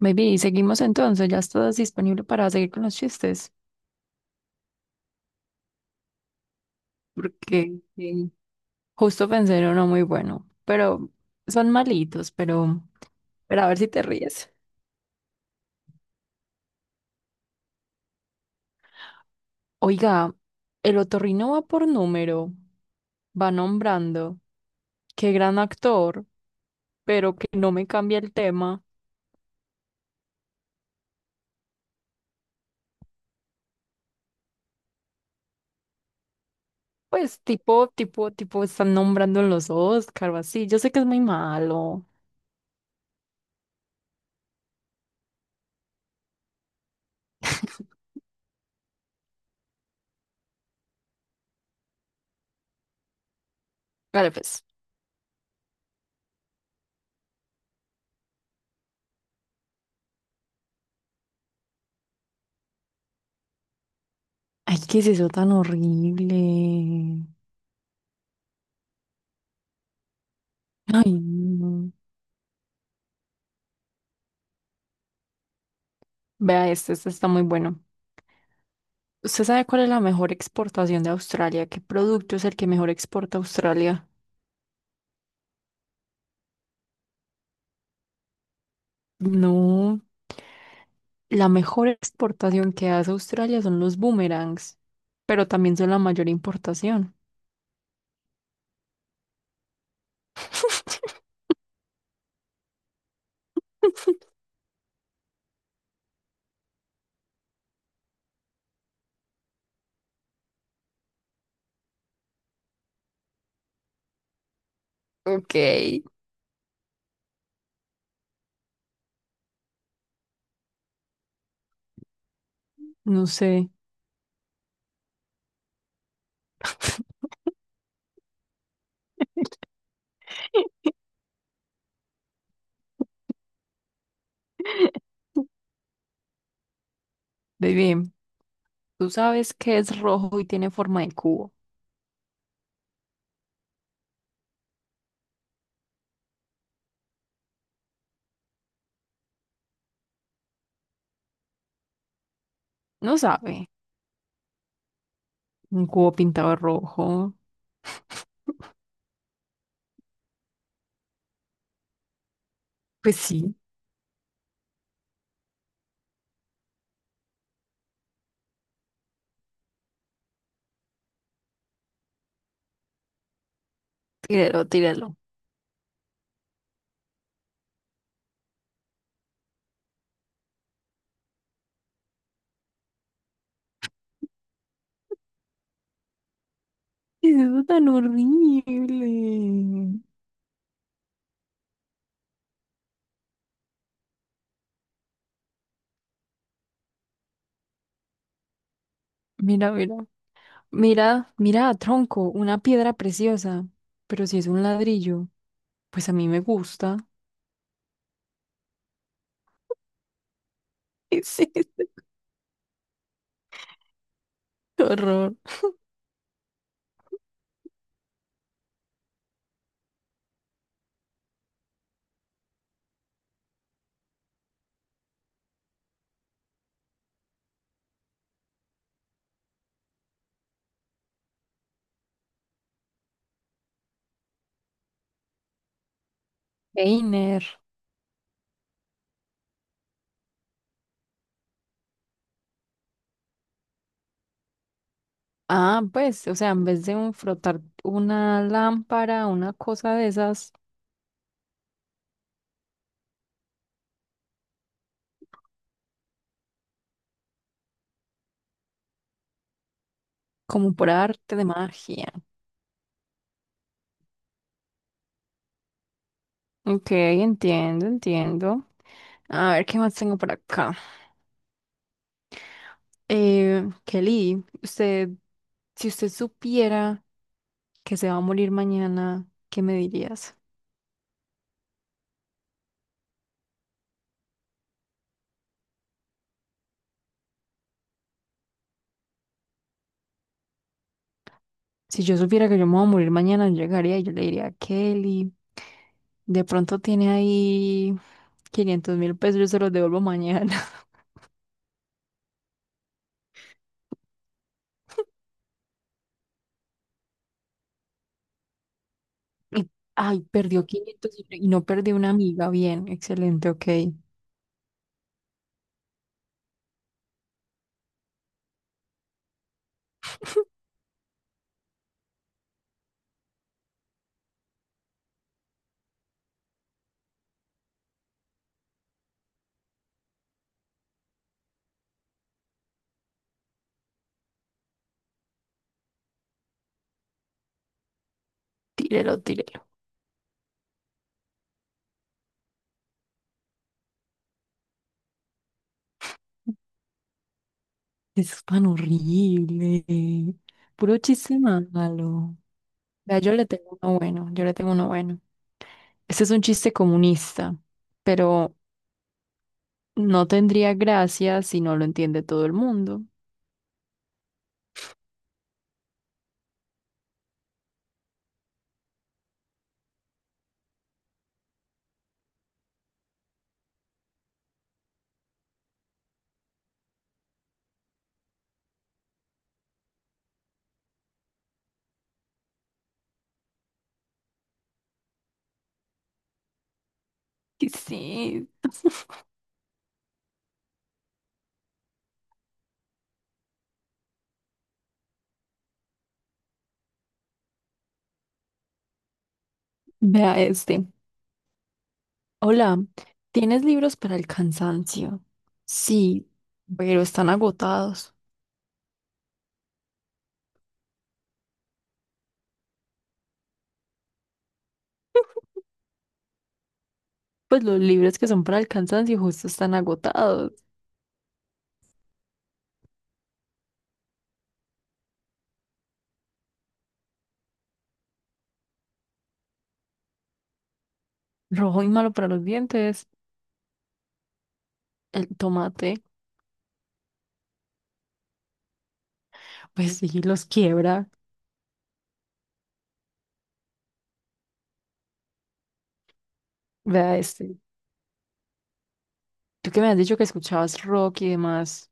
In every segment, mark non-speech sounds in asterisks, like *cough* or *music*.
Baby, y seguimos entonces, ya estás disponible para seguir con los chistes, porque justo pensé en uno muy bueno, pero son malitos, pero a ver si te ríes. Oiga, el otorrino va por número, va nombrando, qué gran actor, pero que no me cambia el tema. Pues tipo, están nombrando en los Oscar o así, yo sé que es muy malo. *laughs* Vale, pues. Ay, ¿qué es eso tan horrible? Ay, no. Vea este está muy bueno. ¿Usted sabe cuál es la mejor exportación de Australia? ¿Qué producto es el que mejor exporta Australia? No, la mejor exportación que hace Australia son los boomerangs, pero también son la mayor importación. Ok. No sé. *laughs* Ve bien, ¿tú sabes qué es rojo y tiene forma de cubo? No sabe. Un cubo pintado de rojo. Pues sí, tírelo. Eso es tan horrible. Mira, mira. Mira, mira, tronco, una piedra preciosa, pero si es un ladrillo, pues a mí me gusta. *laughs* ¿Qué es esto? Qué horror. Einer. Ah, pues, o sea, en vez de un frotar una lámpara, una cosa de esas, como por arte de magia. Ok, entiendo. A ver, ¿qué más tengo por acá? Kelly, si usted supiera que se va a morir mañana, ¿qué me dirías? Si yo supiera que yo me voy a morir mañana, yo llegaría y yo le diría a Kelly, de pronto tiene ahí 500,000 pesos, yo se los devuelvo mañana. *laughs* Y, Ay, perdió 500 y no perdió una amiga. Bien, excelente, ok. *laughs* Tírelo. Eso es tan horrible. Puro chiste malo. Vea, yo le tengo uno bueno, yo le tengo uno bueno. Este es un chiste comunista, pero no tendría gracia si no lo entiende todo el mundo. ¿Qué es *laughs* Vea este. Hola, ¿tienes libros para el cansancio? Sí, pero están agotados. Pues los libros que son para el cansancio justo están agotados. Rojo y malo para los dientes. El tomate, pues sí, los quiebra. Vea este. Tú que me has dicho que escuchabas rock y demás.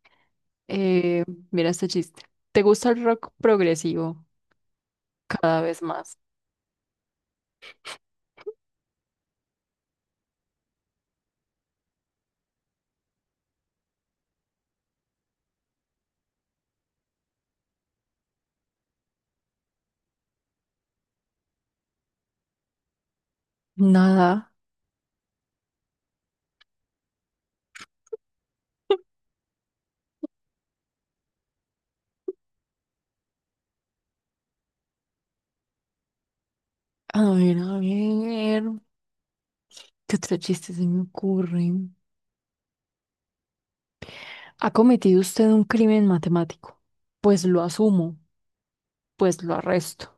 Eh, mira este chiste. ¿Te gusta el rock progresivo? Cada vez más. Nada. A ver, a ver. ¿Qué otro chiste se me ocurre? ¿Ha cometido usted un crimen matemático? Pues lo asumo, pues lo arresto.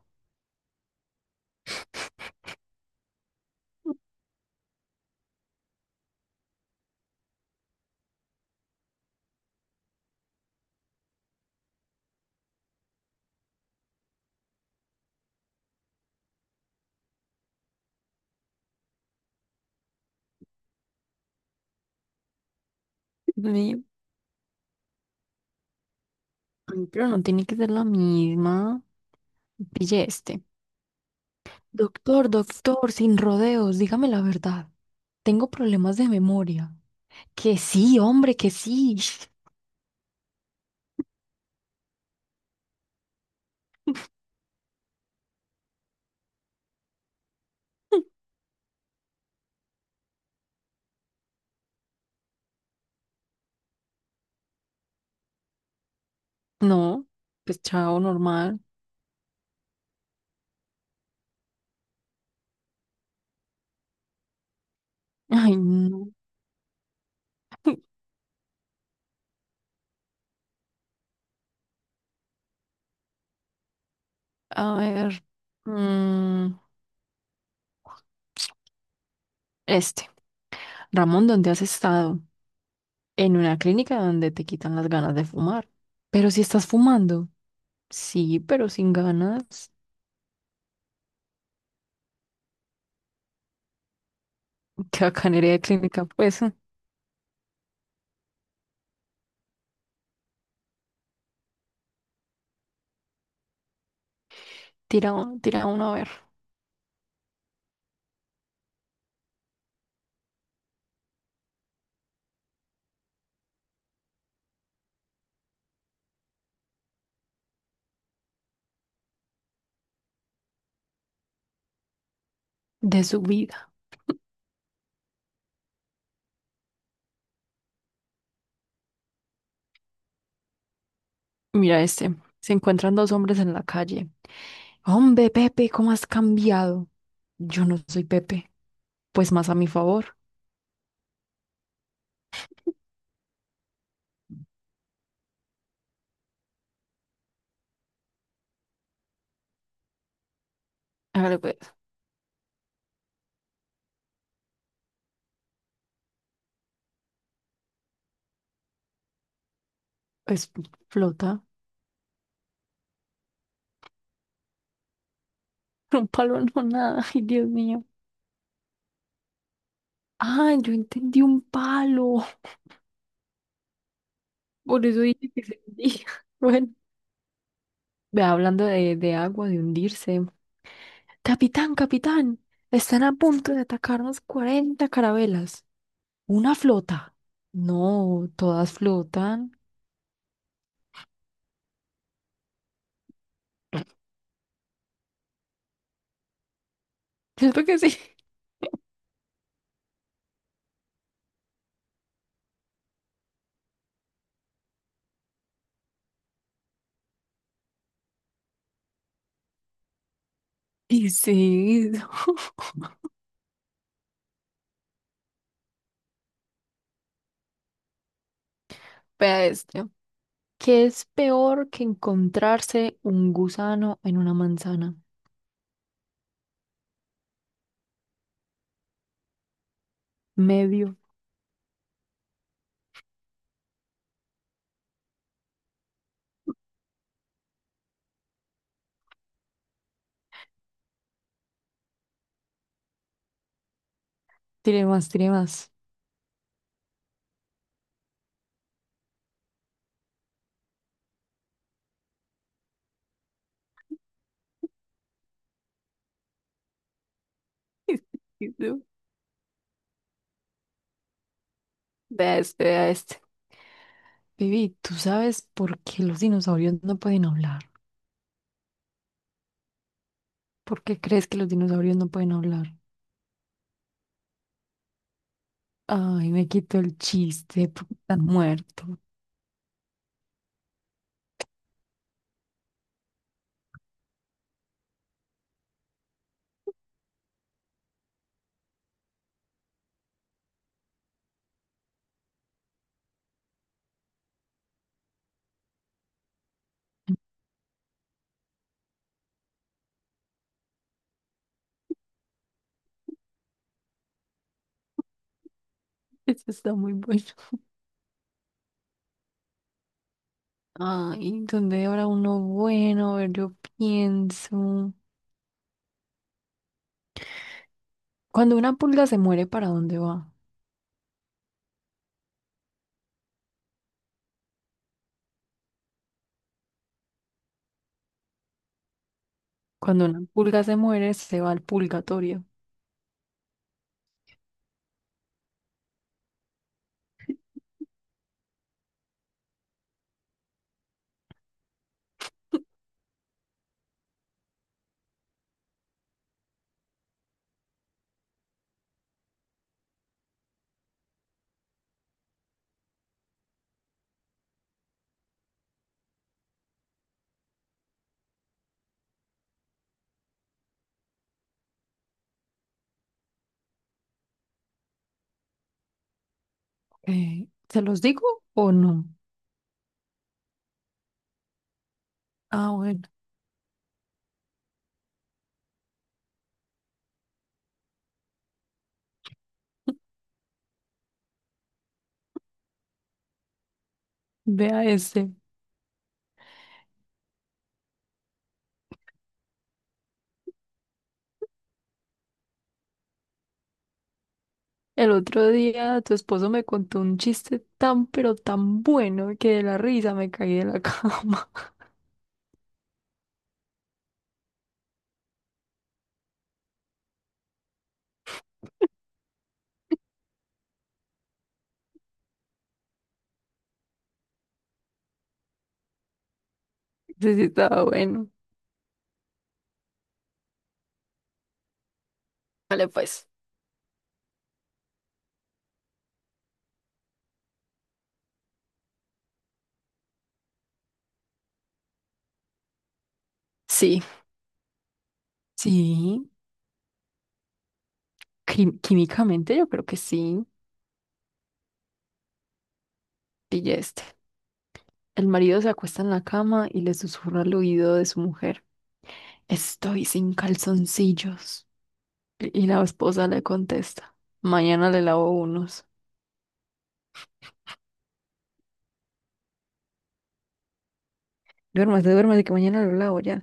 Ve, pero no tiene que ser la misma. Pille este. Doctor, doctor, sin rodeos, dígame la verdad. Tengo problemas de memoria. Que sí, hombre, que sí. *laughs* No, pues chao, normal. Ay, no. A ver. mm, este. Ramón, ¿dónde has estado? En una clínica donde te quitan las ganas de fumar. Pero si estás fumando. Sí, pero sin ganas. *laughs* Qué bacanería de clínica, pues. Tira, tira uno a ver. De su vida. Mira este. Se encuentran dos hombres en la calle. Hombre, Pepe, ¿cómo has cambiado? Yo no soy Pepe. Pues más a mi favor. Hágale pues. Es flota. *laughs* Un palo no nada. *laughs* Ay, Dios mío. Ah, yo entendí un palo. *laughs* Por eso dije que se hundía. *laughs* Bueno, ve hablando de agua, de hundirse. Capitán, capitán, están a punto de atacarnos 40 carabelas. ¿Una flota? No, todas flotan. ¿Cierto que sí? *laughs* Y sí, *laughs* vea este. ¿Qué es peor que encontrarse un gusano en una manzana? Medio. Tiene más. *laughs* Vea este. Vivi, ¿tú sabes por qué los dinosaurios no pueden hablar? ¿Por qué crees que los dinosaurios no pueden hablar? Ay, me quitó el chiste porque están muerto. *laughs* Eso está muy bueno. Ay, ¿dónde habrá uno bueno? A ver, yo pienso. Cuando una pulga se muere, ¿para dónde va? Cuando una pulga se muere, se va al purgatorio. ¿Se los digo o no? Ah, bueno, vea ese. El otro día tu esposo me contó un chiste tan, pero tan bueno que de la risa me caí de la cama. *laughs* Ese sí estaba bueno. Vale, pues. Sí. Sí. Químicamente yo creo que sí, pillaste. El marido se acuesta en la cama y le susurra al oído de su mujer, estoy sin calzoncillos. Y la esposa le contesta, mañana le lavo unos. Duérmase, que mañana lo lavo ya.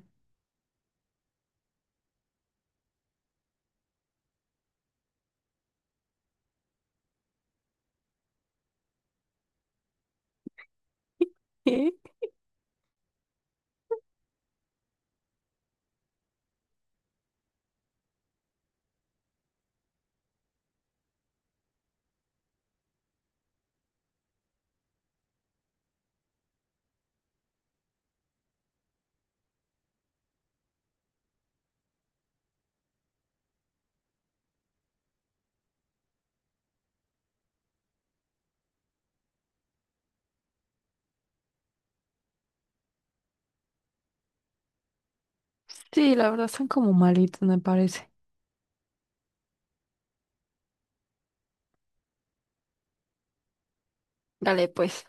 *laughs* Sí, la verdad están como malitos, me parece. Dale, pues.